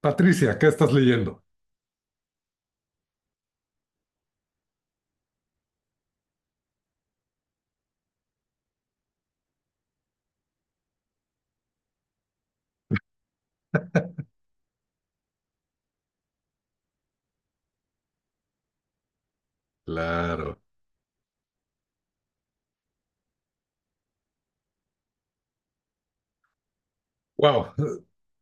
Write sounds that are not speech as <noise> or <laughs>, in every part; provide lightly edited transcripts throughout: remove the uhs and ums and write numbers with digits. Patricia, ¿qué estás leyendo? Claro. Wow,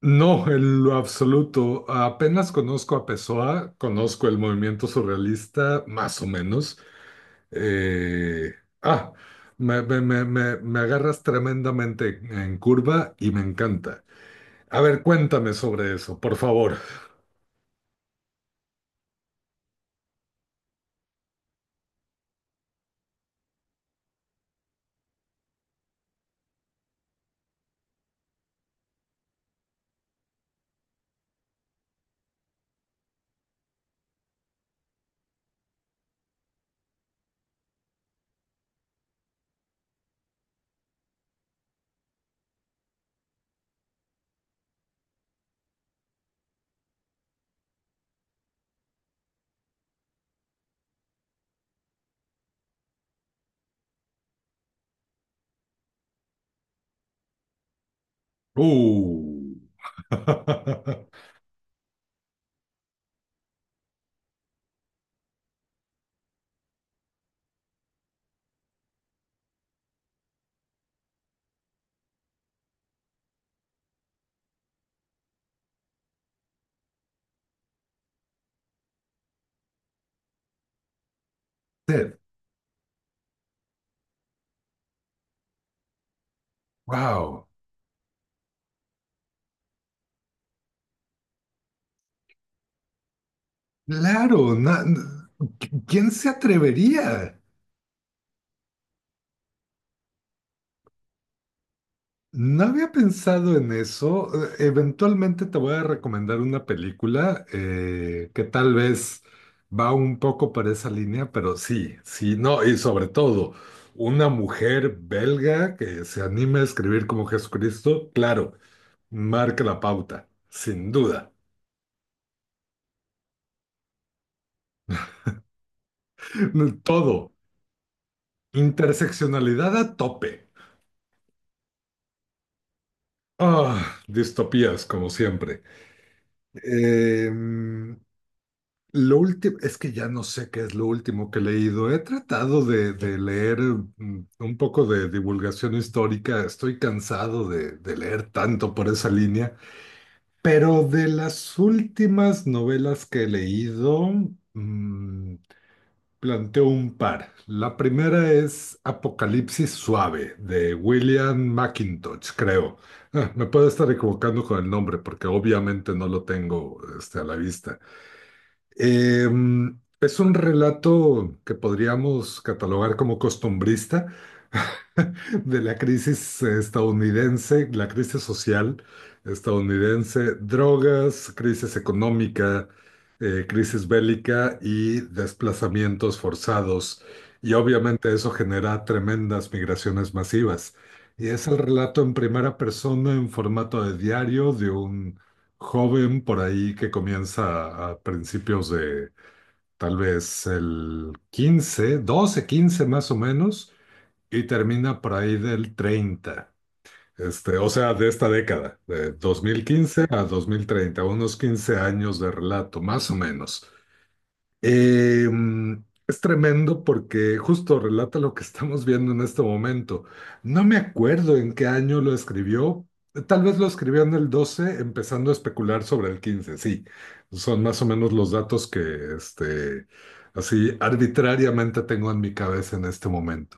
no, en lo absoluto. Apenas conozco a Pessoa, conozco el movimiento surrealista, más o menos. Eh, ah, me agarras tremendamente en curva y me encanta. A ver, cuéntame sobre eso, por favor. Uh. <laughs> Ted, wow. Claro, ¿quién se atrevería? No había pensado en eso. Eventualmente te voy a recomendar una película que tal vez va un poco para esa línea, pero sí, sí, no, y sobre todo, una mujer belga que se anime a escribir como Jesucristo, claro, marca la pauta, sin duda. <laughs> Todo, interseccionalidad a tope. Ah, distopías, como siempre. Em, Lo último, es que ya no sé qué es lo último que he leído. He tratado de leer un poco de divulgación histórica. Estoy cansado de leer tanto por esa línea. Pero de las últimas novelas que he leído, mm, planteo un par. La primera es Apocalipsis Suave, de William McIntosh, creo. Ah, me puedo estar equivocando con el nombre porque obviamente no lo tengo este, a la vista. Eh, es un relato que podríamos catalogar como costumbrista de la crisis estadounidense, la crisis social estadounidense, drogas, crisis económica, crisis bélica y desplazamientos forzados. Y obviamente eso genera tremendas migraciones masivas. Y es el relato en primera persona, en formato de diario, de un joven por ahí que comienza a principios de tal vez el 15, 12, 15 más o menos, y termina por ahí del 30. Este, o sea, de esta década, de 2015 a 2030, unos 15 años de relato, más o menos. Eh, es tremendo porque justo relata lo que estamos viendo en este momento. No me acuerdo en qué año lo escribió. Tal vez lo escribió en el 12, empezando a especular sobre el 15. Sí, son más o menos los datos que este, así arbitrariamente tengo en mi cabeza en este momento.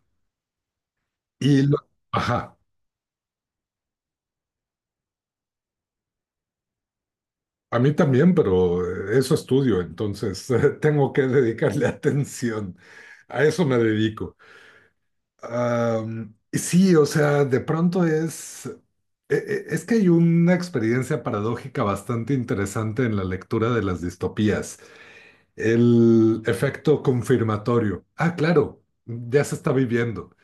Y lo- ajá, a mí también, pero eso estudio, entonces <laughs> tengo que dedicarle <laughs> atención. A eso me dedico. Sí, o sea, de pronto es, es que hay una experiencia paradójica bastante interesante en la lectura de las distopías, el efecto confirmatorio. Ah, claro, ya se está viviendo.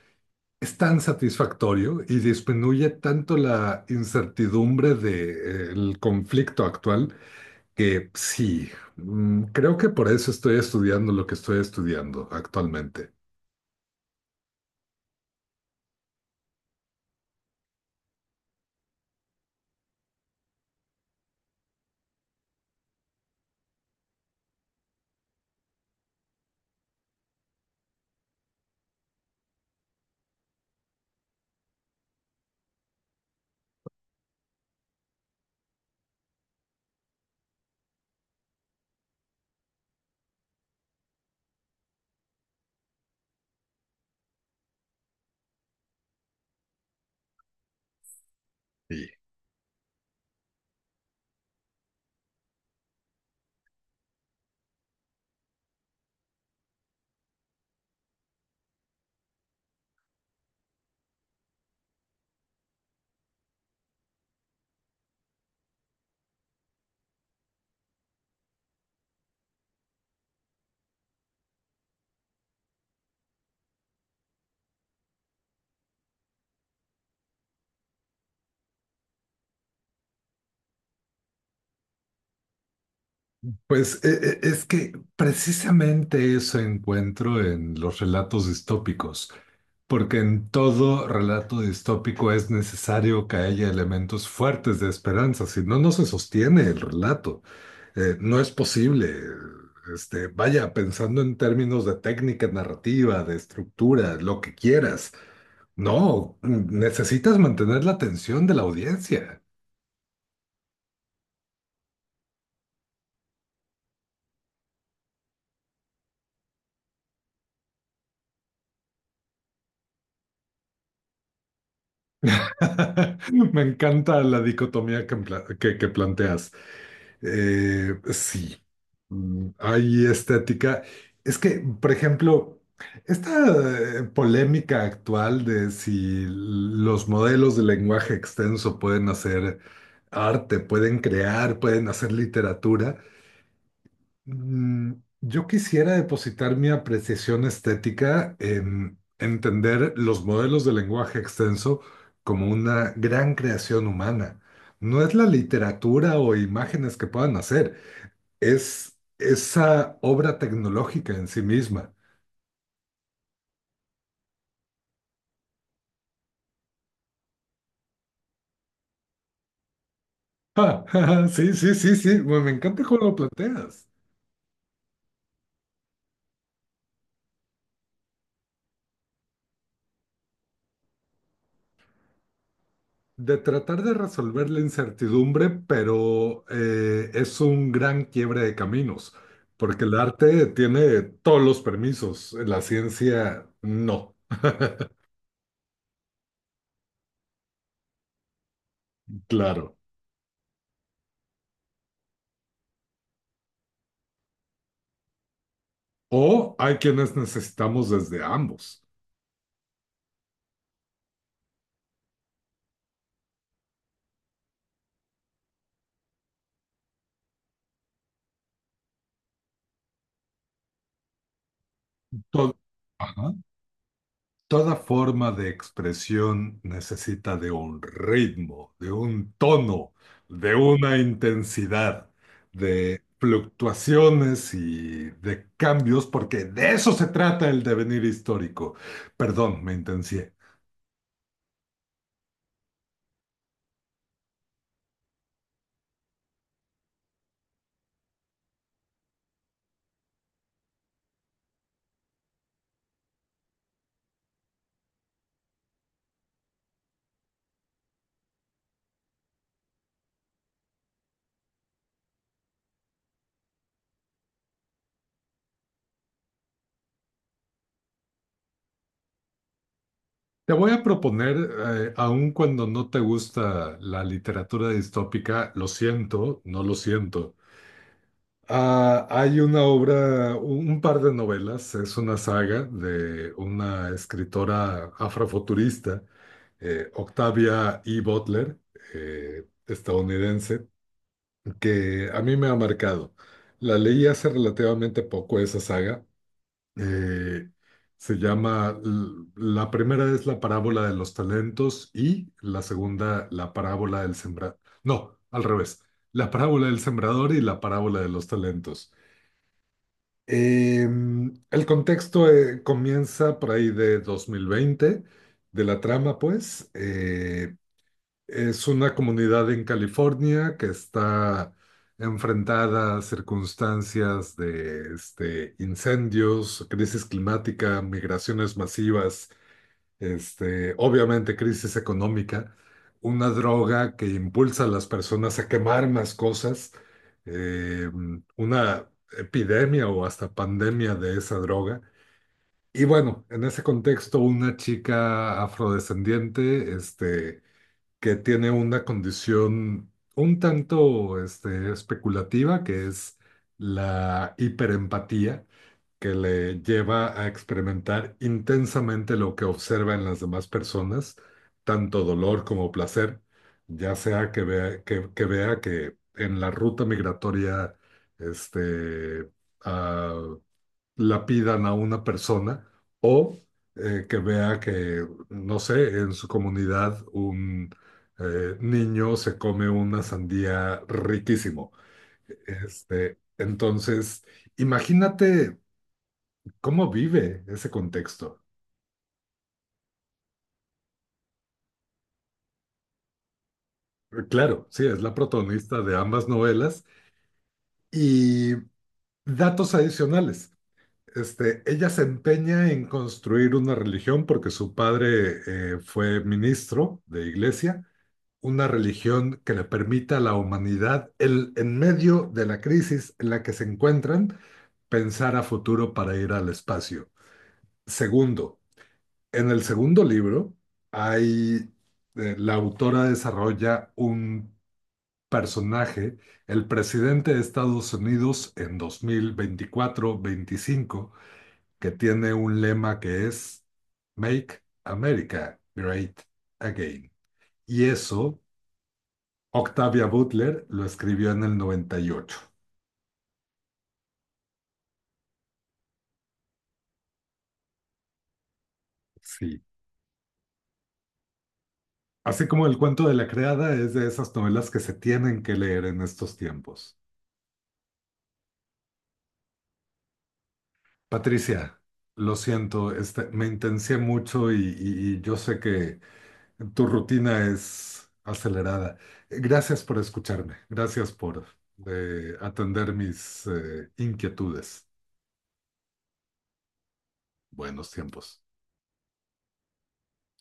Es tan satisfactorio y disminuye tanto la incertidumbre del conflicto actual que sí, creo que por eso estoy estudiando lo que estoy estudiando actualmente. Pues es que precisamente eso encuentro en los relatos distópicos, porque en todo relato distópico es necesario que haya elementos fuertes de esperanza, si no, no se sostiene el relato. No es posible. Este, vaya, pensando en términos de técnica narrativa, de estructura, lo que quieras. No, necesitas mantener la atención de la audiencia. <laughs> Me encanta la dicotomía que, empla- que planteas. Sí, hay estética. Es que, por ejemplo, esta polémica actual de si los modelos de lenguaje extenso pueden hacer arte, pueden crear, pueden hacer literatura, mm, yo quisiera depositar mi apreciación estética en entender los modelos de lenguaje extenso como una gran creación humana. No es la literatura o imágenes que puedan hacer, es esa obra tecnológica en sí misma. Ja, <laughs> sí, sí, sí, sí, me encanta cómo lo planteas. De tratar de resolver la incertidumbre, pero es un gran quiebre de caminos, porque el arte tiene todos los permisos, la ciencia no, claro. O hay quienes necesitamos desde ambos. To- Ajá. Toda forma de expresión necesita de un ritmo, de un tono, de una intensidad, de fluctuaciones y de cambios, porque de eso se trata el devenir histórico. Perdón, me intencié. Te voy a proponer, aun cuando no te gusta la literatura distópica, lo siento, no lo siento. Ah, hay una obra, un par de novelas, es una saga de una escritora afrofuturista, Octavia E. Butler, estadounidense, que a mí me ha marcado. La leí hace relativamente poco esa saga. eh, se llama, la primera es La parábola de los talentos y la segunda, La parábola del sembrador. No, al revés. La parábola del sembrador y La parábola de los talentos. Eh, el contexto comienza por ahí de 2020. De la trama, pues. Es una comunidad en California que está enfrentada a circunstancias de este, incendios, crisis climática, migraciones masivas este, obviamente crisis económica, una droga que impulsa a las personas a quemar más cosas, eh, una epidemia o hasta pandemia de esa droga. Y bueno, en ese contexto, una chica afrodescendiente, este, que tiene una condición un tanto, este, especulativa, que es la hiperempatía, que le lleva a experimentar intensamente lo que observa en las demás personas, tanto dolor como placer, ya sea que vea que en la ruta migratoria este, ah, lapidan a una persona, o que vea que, no sé, en su comunidad un niño se come una sandía riquísimo. Este, entonces, imagínate, ¿cómo vive ese contexto? Claro, sí, es la protagonista de ambas novelas, y datos adicionales. Este, ella se empeña en construir una religión porque su padre fue ministro de iglesia, una religión que le permita a la humanidad, el, en medio de la crisis en la que se encuentran, pensar a futuro para ir al espacio. Segundo, en el segundo libro hay, la autora desarrolla un personaje, el presidente de Estados Unidos en 2024, 2025, que tiene un lema que es Make America Great Again. Y eso, Octavia Butler lo escribió en el 98. Sí. Así como el cuento de la creada es de esas novelas que se tienen que leer en estos tiempos. Patricia, lo siento, este, me intencié mucho y yo sé que tu rutina es acelerada. Gracias por escucharme. Gracias por atender mis inquietudes. Buenos tiempos.